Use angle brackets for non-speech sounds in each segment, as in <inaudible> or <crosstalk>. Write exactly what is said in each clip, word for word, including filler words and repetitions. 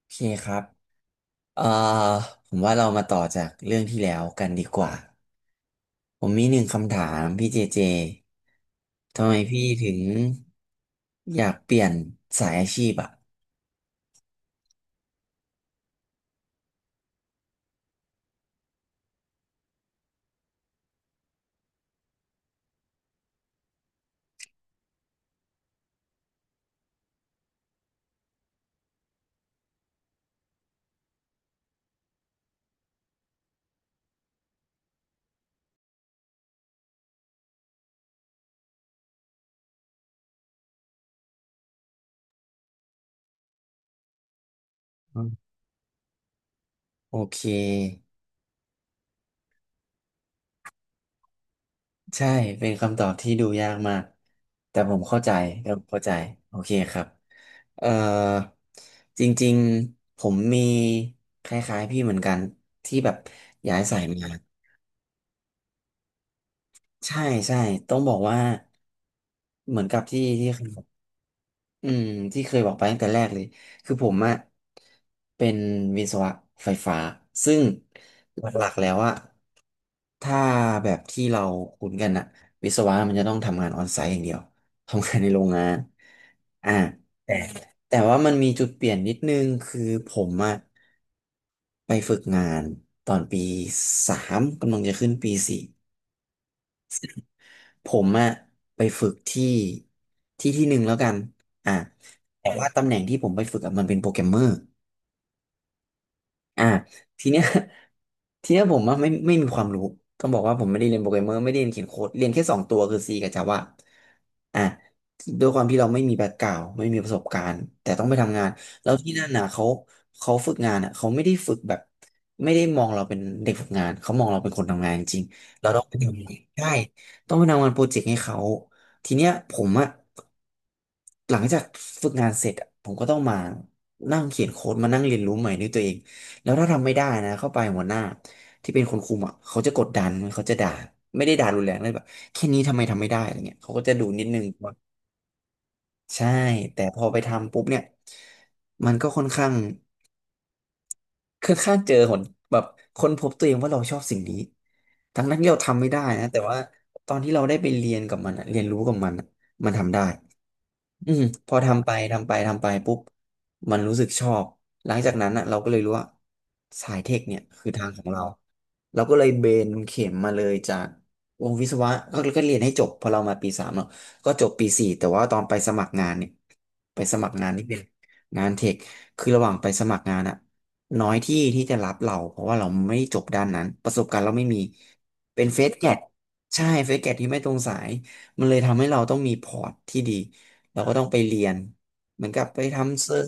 โอเคครับเอ่อผมว่าเรามาต่อจากเรื่องที่แล้วกันดีกว่าผมมีหนึ่งคำถามพี่เจเจ ทำไมพี่ถึงอยากเปลี่ยนสายอาชีพอ่ะอืมโอเค ใช่ เป็นคำตอบที่ดูยากมาก แต่ผมเข้าใจแต่ผมเข้าใจโอเคครับเอ่อจริงๆ ผมมีคล้ายๆพี่เหมือนกันที่แบบย้ายสายมาใช่ใช่ต้องบอกว่า เหมือนกับที่ที่ อืมที่เคยบอกไปตั้งแต่แรกเลย คือผมอะเป็นวิศวะไฟฟ้า ซึ่งหลักๆแล้วอะถ้าแบบที่เราคุ้นกันอะวิศวะมันจะต้องทำงานออนไซต์อย่างเดียวทำงานในโรงงานอ่าแต่แต่ว่ามันมีจุดเปลี่ยนนิดนึงคือผมอะไปฝึกงานตอนปีสามกำลังจะขึ้นปีสี่ผมอะไปฝึกที่ที่ที่หนึ่งแล้วกันอ่าแต่ว่าตำแหน่งที่ผมไปฝึกอะมันเป็นโปรแกรมเมอร์ อ่าทีเนี้ย <laughs> ทีเนี้ยผมอะไม่ไม่มีความรู้ต้องบอกว่าผมไม่ได้เรียนโปรแกรมเมอร์ไม่ได้เรียนเขียนโค้ดเรียนแค่สองตัวคือ C กับ Java อ่าด้วยความที่เราไม่มีแบ็กกราวด์ไม่มีประสบการณ์แต่ต้องไปทำงานแล้วที่นั่นน่ะเขาเขาฝึกงานอ่ะเขาไม่ได้ฝึกแบบไม่ได้มองเราเป็นเด็กฝึกงานเขามองเราเป็นคนทำงานจริงเราต้องไปอทำใช่ต้องไปทำงานโปรเจกต์ให้เขาทีเนี้ยผมอ่ะ หลังจากฝึกงานเสร็จอะผมก็ต้องมานั่งเขียนโค้ดมานั่งเรียนรู้ใหม่ด้วยตัวเองแล้วถ้าทำไม่ได้นะเข้าไปหัวหน้าที่เป็นคนคุมอ่ะเขาจะกดดันเขาจะด่าไม่ได้ด่ารุนแรงเลยแบบแค่นี้ทำไมทำไม่ได้อะไรเงี้ยเขาก็จะดูนิดนึงว่าใช่แต่พอไปทำปุ๊บเนี่ยมันก็ค่อนข้างค่อนข้างเจอหนแบบค้นพบตัวเองว่าเราชอบสิ่งนี้ทั้งนั้นที่เราทำไม่ได้นะแต่ว่าตอนที่เราได้ไปเรียนกับมันอะเรียนรู้กับมันอะมันทำได้ อืมพอทำไปทำไปทำไปปุ๊บมันรู้สึกชอบหลังจากนั้นอ่ะเราก็เลยรู้ว่าสายเทคเนี่ยคือทางของเราเราก็เลยเบนเข็มมาเลยจากวงวิศวะก็ก็เรียนให้จบพอเรามาปีสามเนาะก็จบปีสี่แต่ว่าตอนไปสมัครงานเนี่ยไปสมัครงานนี่เป็นงานเทคคือระหว่างไปสมัครงานอะน้อยที่ที่จะรับเราเพราะว่าเราไม่จบด้านนั้นประสบการณ์เราไม่มีเป็นเฟสแกตใช่เฟสแกตที่ไม่ตรงสาย มันเลยทำให้เราต้องมีพอร์ตที่ดีเราก็ต้องไปเรียนเหมือนกับไปทำเซอร์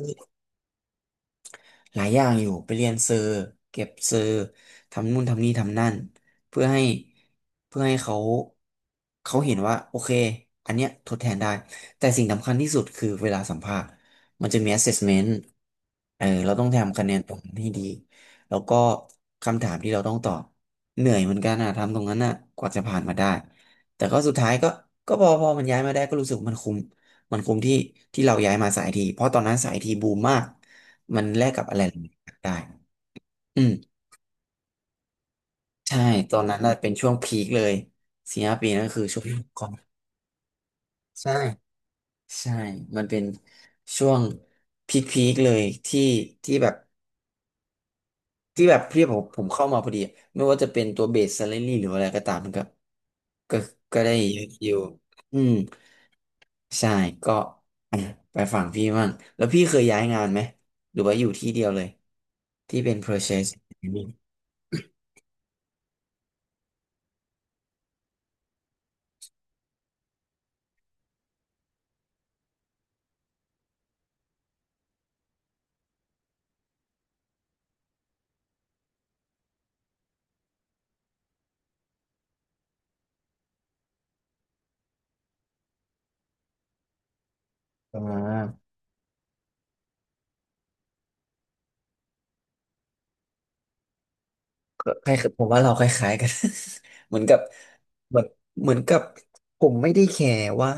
หลายอย่างอยู่ไปเรียนเซอร์เก็บเซอร์ทำนู่นทำนี่ทำนั่นเพื่อให้เพื่อให้เขาเขาเห็นว่าโอเคอันเนี้ยทดแทนได้แต่สิ่งสำคัญที่สุดคือเวลาสัมภาษณ์มันจะมี assessment เออเราต้องทำคะแนนตรงนั้นให้ดีแล้วก็คำถามที่เราต้องตอบเหนื่อยเหมือนกันอะทำตรงนั้นอะกว่าจะผ่านมาได้แต่ก็สุดท้ายก็ก็พอพอมันย้ายมาได้ก็รู้สึกมันคุ้มมันคุ้มที่ที่เราย้ายมาสายทีเพราะตอนนั้นสายทีบูมมาก มันแลกกับอะไรหลายๆอย่างได้อืมใช่ตอนนั้นน่ะเป็นช่วงพีคเลยสี่ห้าปีนั่นคือช่วงที่ก่อนใช่ใช่มันเป็นช่วงพีคพีคเลยที่ที่แบบที่แบบพี่ผมผมเข้ามาพอดีไม่ว่าจะเป็นตัวเบส s ซ l ล r y หรืออะไรก็ตามมันก็ก็ก็ได้เยอะอยู่อืมใช่ก็อ่ะไปฝั่งพี่บ้างแล้วพี่เคยย้ายงานไหมหรือว่าอยู่ที่เดียวเลยที่เป็น p r o c e s s อ่า ก็คล้ายผมว่าเราคล้ายๆกัน <laughs> เหมือนกับเหมือนเหมือนกับผมไม่ได้แคร์ว่า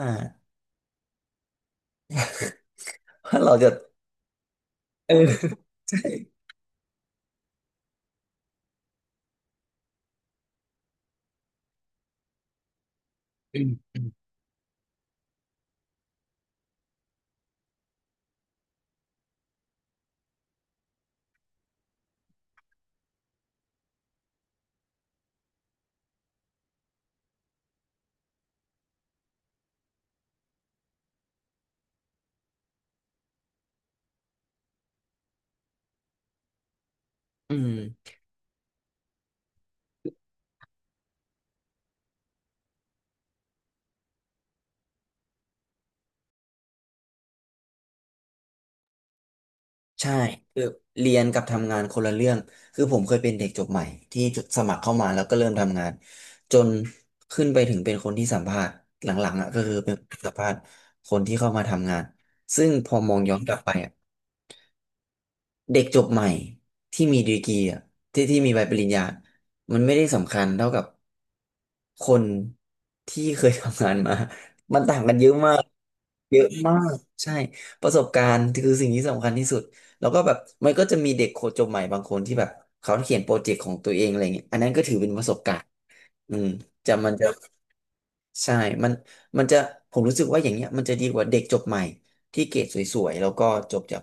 ว่าเราจะเออ <laughs> ใช่อืมอืมอืมใช่คือเรียนกับทำงานคนละเรื่องคือผมเคยเป็นเด็กจบใหม่ที่จดสมัครเข้ามาแล้วก็เริ่มทำงานจนขึ้นไปถึงเป็นคนที่สัมภาษณ์หลังๆอ่ะก็คือเป็นสัมภาษณ์คนที่เข้ามาทำงานซึ่งพอมองย้อนกลับไปอ่ะ เด็กจบใหม่ที่มีดีกรีอ่ะที่ที่มีใบปริญญามันไม่ได้สำคัญเท่ากับคนที่เคยทำงานมา <laughs> มันต่างกันเยอะมากเยอะมากใช่ประสบการณ์คือสิ่งที่สำคัญที่สุดแล้วก็แบบมันก็จะมีเด็กโคจบใหม่บางคนที่แบบเขาเขียนโปรเจกต์ของตัวเองอะไรเงี้ยอันนั้นก็ถือเป็นประสบการณ์อืมจะมันจะ ใช่มันมันจะผมรู้สึกว่าอย่างเงี้ยมันจะดีกว่าเด็กจบใหม่ที่เกรดสวยๆแล้วก็จบจาก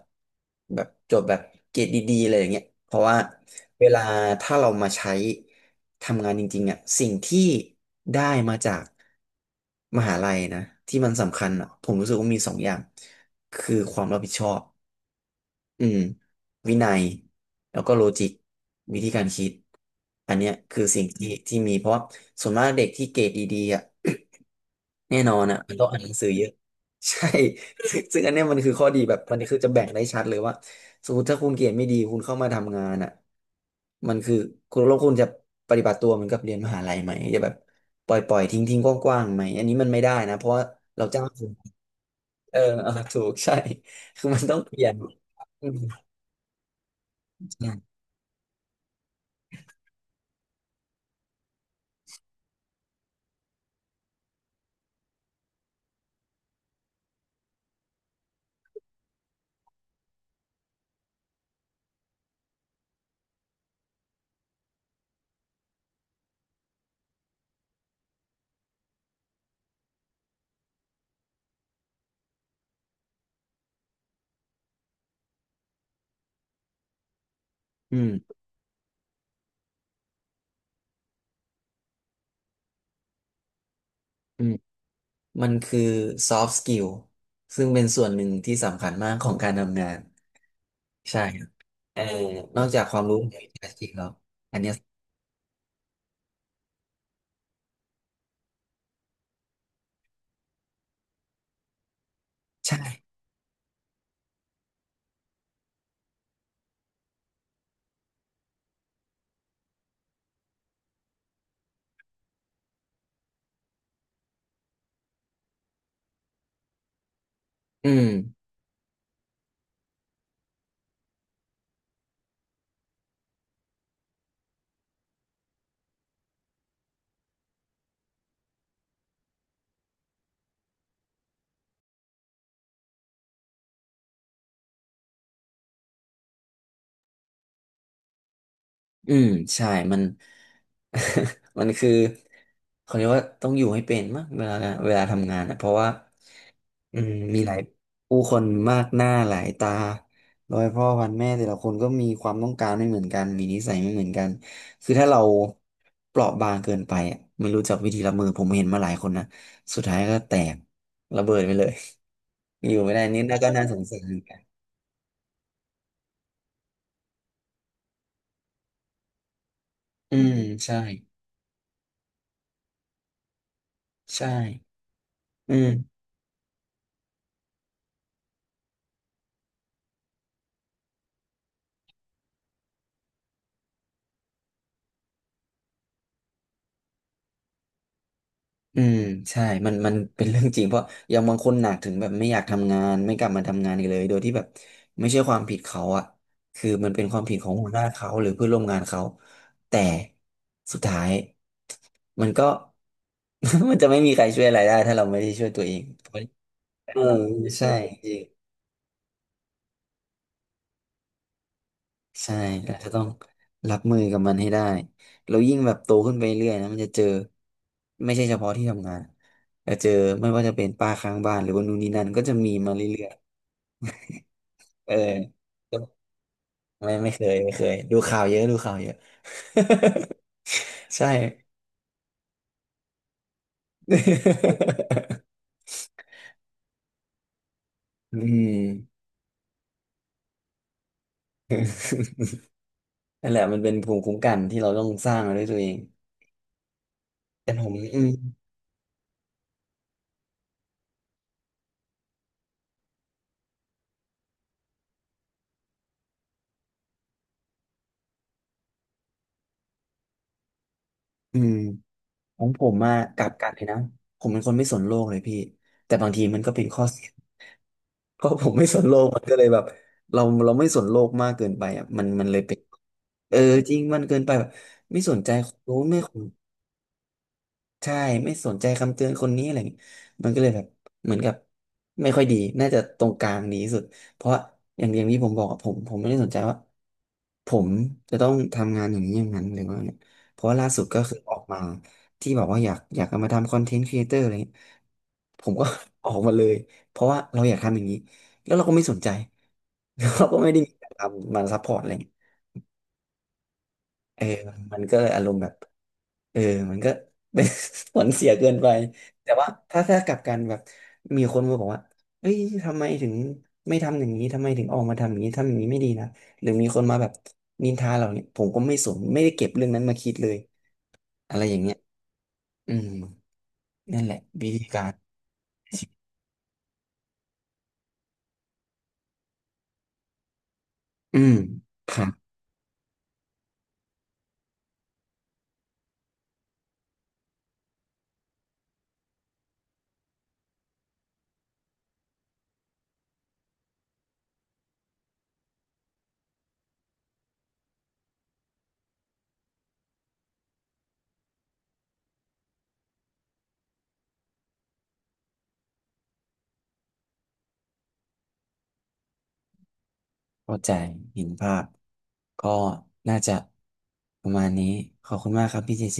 แบบจบแบบเกรดดีๆเลยอย่างเงี้ยเพราะว่าเวลาถ้าเรามาใช้ทำงานจริงๆอ่ะสิ่งที่ได้มาจากมหาลัยนะที่มันสำคัญอ่ะผมรู้สึกว่ามีสองอย่างคือความรับผิดชอบอืมวินัยแล้วก็โลจิกวิธีการคิดอันเนี้ยคือสิ่งที่ที่มีเพราะว่าส่วนมากเด็กที่เกรดดีๆอ่ะ แน่นอนอ่ะมันต้องอ่านหนังสือเยอะ <laughs> ใช่ <laughs> ซึ่งอันเนี้ยมันคือข้อดีแบบมันคือจะแบ่งได้ชัดเลยว่าสมมติถ้าคุณเกรดไม่ดีคุณเข้ามาทำงานอ่ะมันคือคุณแล้วคุณจะปฏิบัติตัวเหมือนกับเรียนมหาลัยไหมจะแบบปล่อยปล่อยทิ้งทิ้งกว้างๆไหมอันนี้มันไม่ได้นะเพราะว่าเราจ้างคุณเออเออถูกใช่คือมันต้องเปลี่ยนอืมใช่อืมอืมมันคือ ซอฟต์ สกิล ซึ่งเป็นส่วนหนึ่งที่สำคัญมากของการทำงานใช่ เออนอกจากความรู้ในวิชาชีพแล้วอันเนี้ยใช่อืมอืมใช่มัน <laughs> มันคือเขาเรียกว่าต้องอยู่ให้เป็นมากเวลาเวลาทำงานอ่ะเพราะว่าอืมมีหลายผู้คนมากหน้าหลายตาร้อยพ่อพันแม่แต่ละคนก็มีความต้องการไม่เหมือนกันมีนิสัยไม่เหมือนกันคือถ้าเราเปราะบางเกินไปอ่ะไม่รู้จักวิธีรับมือผมเห็นมาหลายคนนะสุดท้ายก็แตกระเบิดไปเลย <laughs> อยู่ไม่ได้นี่น่าก็น่าสงสาร อืมใช่ใช่อืมอืมใช่มันมันเป็นเรื่องจริงเพราะอย่างบางคนหนักถึงแบบไม่อยากทำงานไม่กลับมาทำงานอีกเลยโดยที่แบบไม่ใช่ความผิดเขาอะคือมันเป็นความผิดของหัวหน้าเขาหรือเพื่อนร่วมงานเขาแต่สุดท้ายมันก็ <laughs> มันจะไม่มีใครช่วยอะไรได้ถ้าเราไม่ได้ช่วยตัวเองเออใช่จริง ใช่เราจะต้องรับมือกับมันให้ได้ เรายิ่งแบบโตขึ้นไปเรื่อยนะมันจะเจอไม่ใช่เฉพาะที่ทำงานแต่เจอไม่ว่าจะเป็นป้าข้างบ้านหรือว่านู่นนี่นั่นก็จะมีมาเรื่อยๆเออไม่ไม่เคยไม่เคยดูข่าวเยอะดูข่าวเยอะ <laughs> ใช่ <laughs> อืม <laughs> นั่นแหละมันเป็นภูมิคุ้มกันที่เราต้องสร้างมาด้วยตัวเองแต่ผมอืมอืม ของผมมากลับกันเลยนะผมเป็นคนไม่สนโลกเลยพี่แต่บางทีมันก็เป็นข้อเสียเพราะผมไม่สนโลกมันก็เลยแบบเราเราไม่สนโลกมากเกินไปอ่ะมันมันเลยเป็นเออจริงมันเกินไปแบบไม่สนใจคนรู้นไม่ ใช่ไม่สนใจคำเตือนคนนี้อะไรอย่างงี้มันก็เลยแบบเหมือนกับไม่ค่อยดีน่าจะตรงกลางดีที่สุดเพราะอย่างอย่างที่ผมบอกอะผมผมไม่ได้สนใจว่าผมจะต้องทำงานอย่างนี้อย่างนั้นหรือว่าเนี่ยเพราะว่าล่าสุดก็คือออกมาที่บอกว่าอยากอยากจะมาทำคอนเทนต์ครีเอเตอร์อะไรเงี้ยผมก็ <laughs> ออกมาเลยเพราะว่าเราอยากทำอย่างนี้แล้วเราก็ไม่สนใจ <laughs> เราก็ไม่ได้มีการทำมาซัพพอร์ตอะไร เออมันก็เลยอารมณ์แบบเออมันก็ <laughs> เป็น <laughs> ผลเสียเกินไป แต่ว่าถ้าถ้ากลับกันแบบมีคนมาบอกว่าเอ้ยทำไมถึงไม่ทำอย่างนี้ทำไมถึงออกมาทำอย่างนี้ ทำอย่างนี้ไม่ดีนะ หรือมีคนมาแบบนินทาเราเนี่ยผมก็ไม่สนไม่ได้เก็บเรื่องนั้นมาคิดเลย อะไรอย่างเงี้ยอืมนั่นแหละวิธีการ อืมครับเข้าใจเห็นภาพ ก็น่าจะประมาณนี้ ขอบคุณมากครับพี่เจเจ